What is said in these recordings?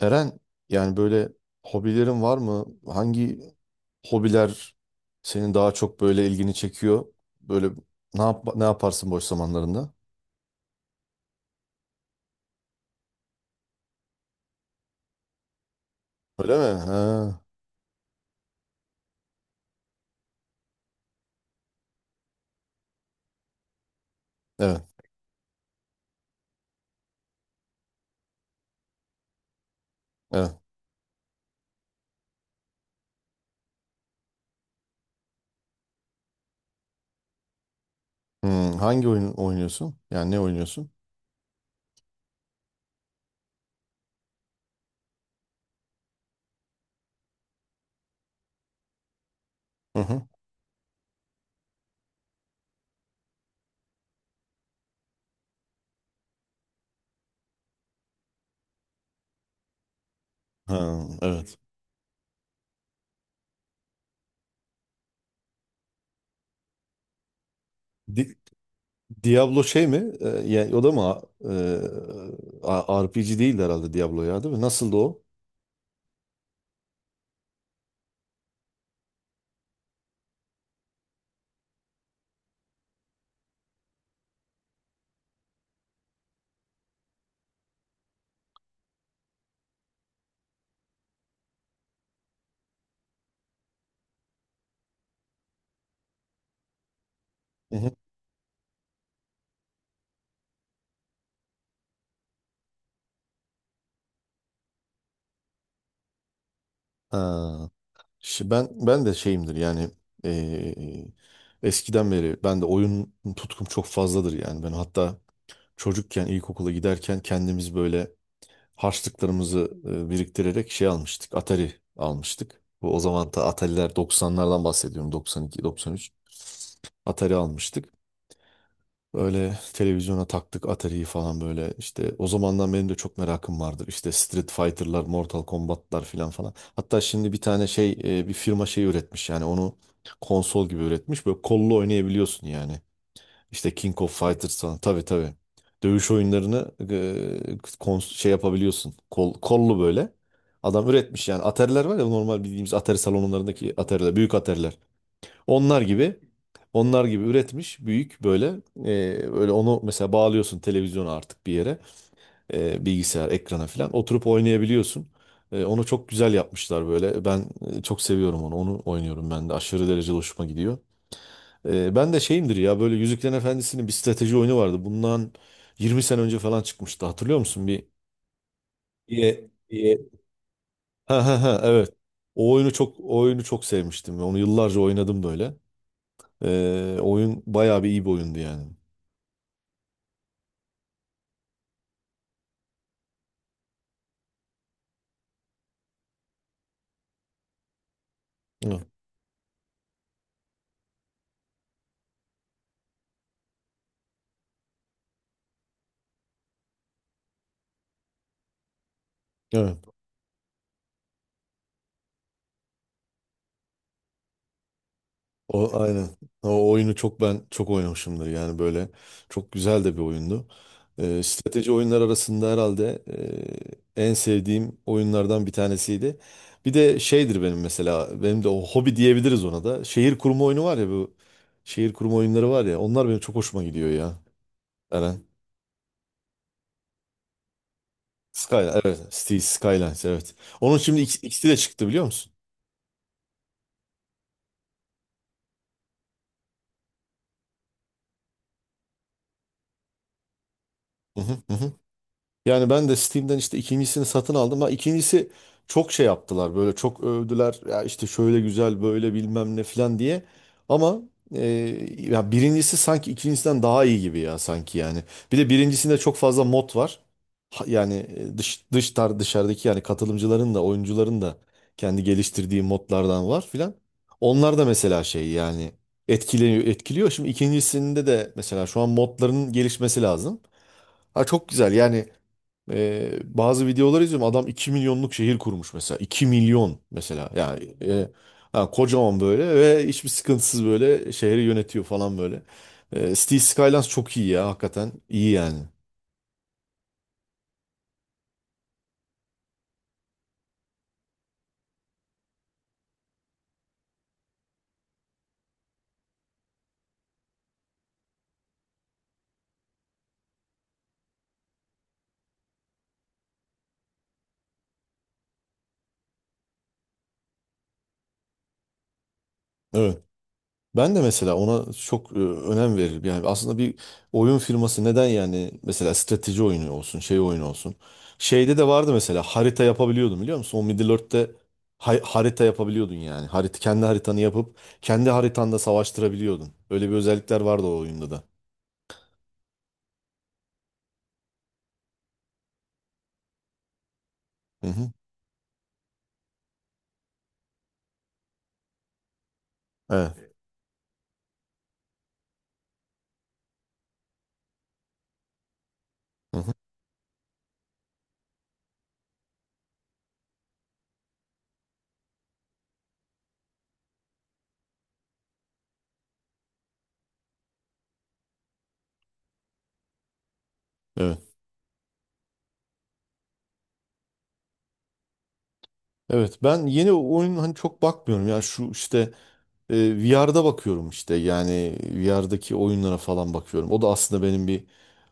Eren, yani böyle hobilerin var mı? Hangi hobiler senin daha çok böyle ilgini çekiyor? Böyle ne yaparsın boş zamanlarında? Öyle mi? Ha. Evet. Evet. Hmm, hangi oyun oynuyorsun? Yani ne oynuyorsun? Hı hı. Ha, evet. Di- Diablo şey mi? O da mı? RPG değil herhalde Diablo, ya, değil mi? Nasıldı o? Hı hı. Ha. Ben de şeyimdir, yani eee, eskiden beri ben de oyun tutkum çok fazladır. Yani ben hatta çocukken ilkokula giderken kendimiz böyle harçlıklarımızı biriktirerek şey almıştık, Atari almıştık. Bu o zaman da, Atari'ler 90'lardan bahsediyorum, 92, 93. Atari almıştık. Böyle televizyona taktık Atari'yi falan, böyle işte o zamandan benim de çok merakım vardır. İşte Street Fighter'lar, Mortal Kombat'lar filan falan. Hatta şimdi bir tane şey, bir firma şey üretmiş yani, onu konsol gibi üretmiş. Böyle kollu oynayabiliyorsun yani. İşte King of Fighters falan. Tabii, tabii. Dövüş oyunlarını şey yapabiliyorsun. Kollu böyle. Adam üretmiş yani. Atari'ler var ya, normal bildiğimiz Atari salonlarındaki Atari'ler, büyük Atari'ler. Onlar gibi onlar gibi üretmiş, büyük böyle. e, Öyle onu mesela bağlıyorsun televizyona artık, bir yere, bilgisayar ekrana falan oturup oynayabiliyorsun. Onu çok güzel yapmışlar böyle. Ben çok seviyorum onu. Onu oynuyorum ben de. Aşırı derecede hoşuma gidiyor. Ben de şeyimdir ya, böyle Yüzüklerin Efendisi'nin bir strateji oyunu vardı. Bundan 20 sene önce falan çıkmıştı. Hatırlıyor musun? Bir- bir- Ha ha ha, evet. O oyunu çok sevmiştim. Onu yıllarca oynadım böyle. Oyun bayağı bir iyi bir oyundu yani. Evet. Evet. O aynen. O oyunu çok, ben çok oynamışımdır yani böyle, çok güzel de bir oyundu. Strateji oyunlar arasında herhalde en sevdiğim oyunlardan bir tanesiydi. Bir de şeydir benim, mesela benim de, o hobi diyebiliriz ona da. Şehir kurma oyunu var ya, bu şehir kurma oyunları var ya, onlar benim çok hoşuma gidiyor ya. Eren. Skyline, evet. Cities Skylines, evet. Onun şimdi ikisi de çıktı, biliyor musun? Hı hı hı. Hı. Yani ben de Steam'den işte ikincisini satın aldım. Ha, ikincisi, çok şey yaptılar böyle, çok övdüler. Ya işte şöyle güzel, böyle bilmem ne falan diye. Ama e, ya, birincisi sanki ikincisinden daha iyi gibi ya, sanki yani. Bir de birincisinde çok fazla mod var. Yani dışarıdaki, yani katılımcıların da, oyuncuların da kendi geliştirdiği modlardan var filan. Onlar da mesela şey yani, etkiliyor, etkiliyor. Şimdi ikincisinde de mesela şu an modların gelişmesi lazım. Ha, çok güzel yani. Bazı videolar izliyorum. Adam 2 milyonluk şehir kurmuş mesela. 2 milyon mesela. Yani, kocaman böyle ve hiçbir sıkıntısız böyle şehri yönetiyor falan böyle. Cities Skylines çok iyi ya hakikaten. İyi yani. Evet. Ben de mesela ona çok önem veririm. Yani aslında bir oyun firması neden, yani mesela strateji oyunu olsun, şey oyunu olsun. Şeyde de vardı mesela, harita yapabiliyordun, biliyor musun? O Middle Earth'te harita yapabiliyordun yani. Harita, kendi haritanı yapıp kendi haritanda savaştırabiliyordun. Öyle bir özellikler vardı o oyunda da. Hı hı. Evet. Hı hı. Evet. Evet. Ben yeni oyun hani çok bakmıyorum. Yani şu işte, VR'da bakıyorum, işte yani VR'daki oyunlara falan bakıyorum. O da aslında benim bir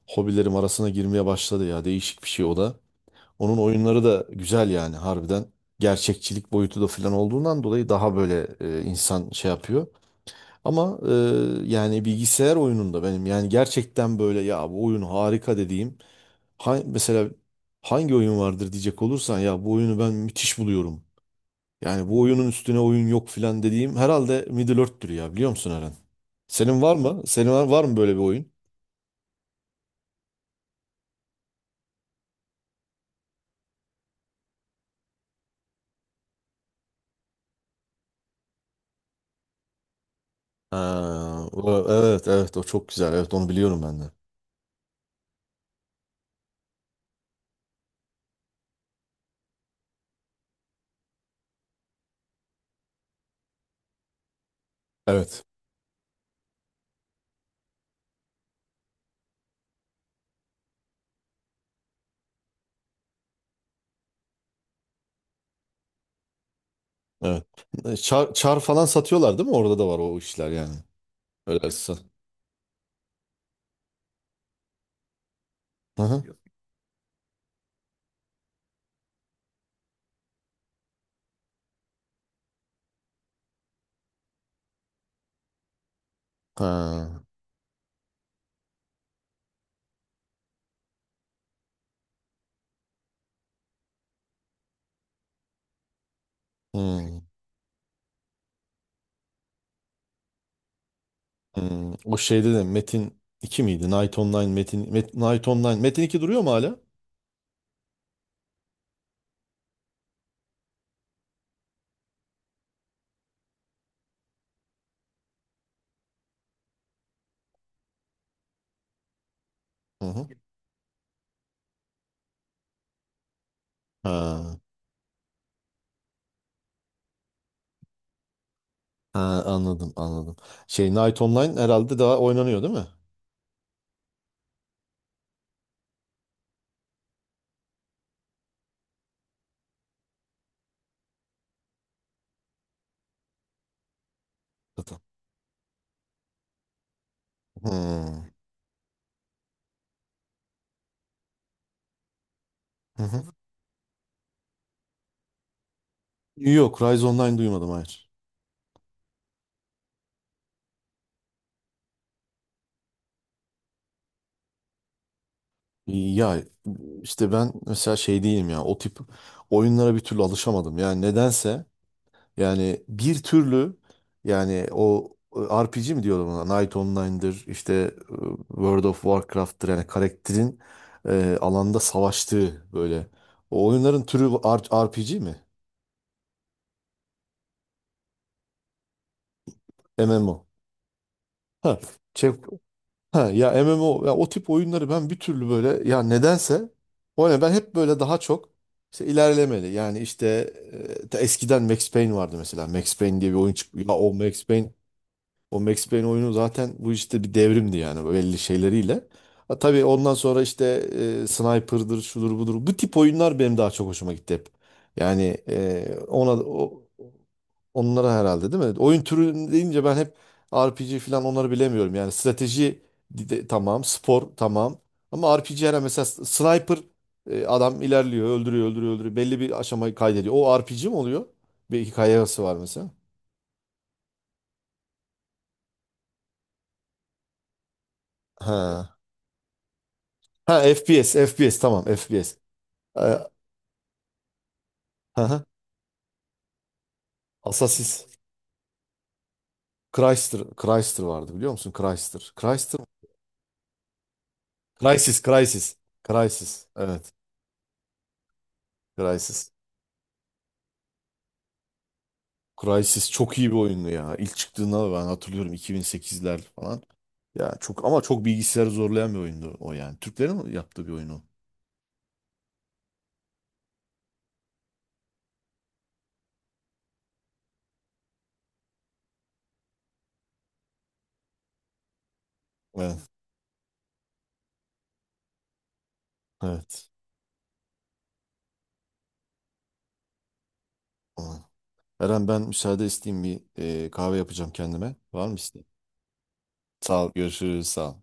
hobilerim arasına girmeye başladı ya, değişik bir şey o da. Onun oyunları da güzel yani, harbiden gerçekçilik boyutu da falan olduğundan dolayı daha böyle insan şey yapıyor. Ama yani, bilgisayar oyununda benim yani gerçekten böyle, ya bu oyun harika dediğim mesela, hangi oyun vardır diyecek olursan, ya bu oyunu ben müthiş buluyorum. Yani bu oyunun üstüne oyun yok filan dediğim, herhalde Middle Earth'tür ya, biliyor musun Eren? Senin var mı? Var mı böyle bir oyun? Ha, evet, evet, o çok güzel. Evet, onu biliyorum ben de. Evet. Evet. Çar falan satıyorlar değil mi? Orada da var o işler yani. Öyle sa- Hı hı. Ha. Hı. Hmm, o şeyde de, Metin 2 miydi? Night Online, Night Online. Metin 2 duruyor mu hala? Hı hı. Ha, ha, anladım, anladım. Şey, Night Online herhalde daha oynanıyor değil mi? Zaten. Hmm. Hı hı. Yok, Rise Online duymadım, hayır. Ya işte ben mesela şey değilim ya, o tip oyunlara bir türlü alışamadım. Yani nedense, yani bir türlü, yani o RPG mi diyorlar ona, Night Online'dır işte, World of Warcraft'tır, yani karakterin alanda savaştığı böyle. O oyunların türü RPG mi? MMO. Ha. çek Ha, ya MMO, ya o tip oyunları ben bir türlü böyle, ya nedense, o ne, ben hep böyle daha çok işte ilerlemeli. Yani işte ta eskiden Max Payne vardı mesela. Max Payne diye bir oyun çıktı. O Max Payne oyunu zaten bu işte bir devrimdi yani, belli şeyleriyle. Ha, tabii ondan sonra işte Sniper'dır, şudur budur. Bu tip oyunlar benim daha çok hoşuma gitti hep. Yani onlara herhalde değil mi? Oyun türü deyince ben hep RPG falan, onları bilemiyorum. Yani strateji, tamam, spor tamam. Ama RPG, her mesela sniper, adam ilerliyor, öldürüyor, öldürüyor, öldürüyor. Belli bir aşamayı kaydediyor. O RPG mi oluyor? Bir hikayesi var mesela. He. Ha, FPS, FPS tamam, FPS. Ee, hı hı. Assassin's Chrysler, Chrysler vardı, biliyor musun? Chrysler, Chrysler mı? Crysis, Crysis. Crysis. Evet, Crysis. Crysis çok iyi bir oyundu ya. İlk çıktığında ben hatırlıyorum, 2008'ler falan. Ya çok, ama çok bilgisayarı zorlayan bir oyundu o yani. Türklerin yaptığı bir oyunu. Evet, evet. Aman. Eren, ben müsaade isteyeyim, bir kahve yapacağım kendime. Var mı isteğin? Sağ ol, görüşürüz, sağ ol.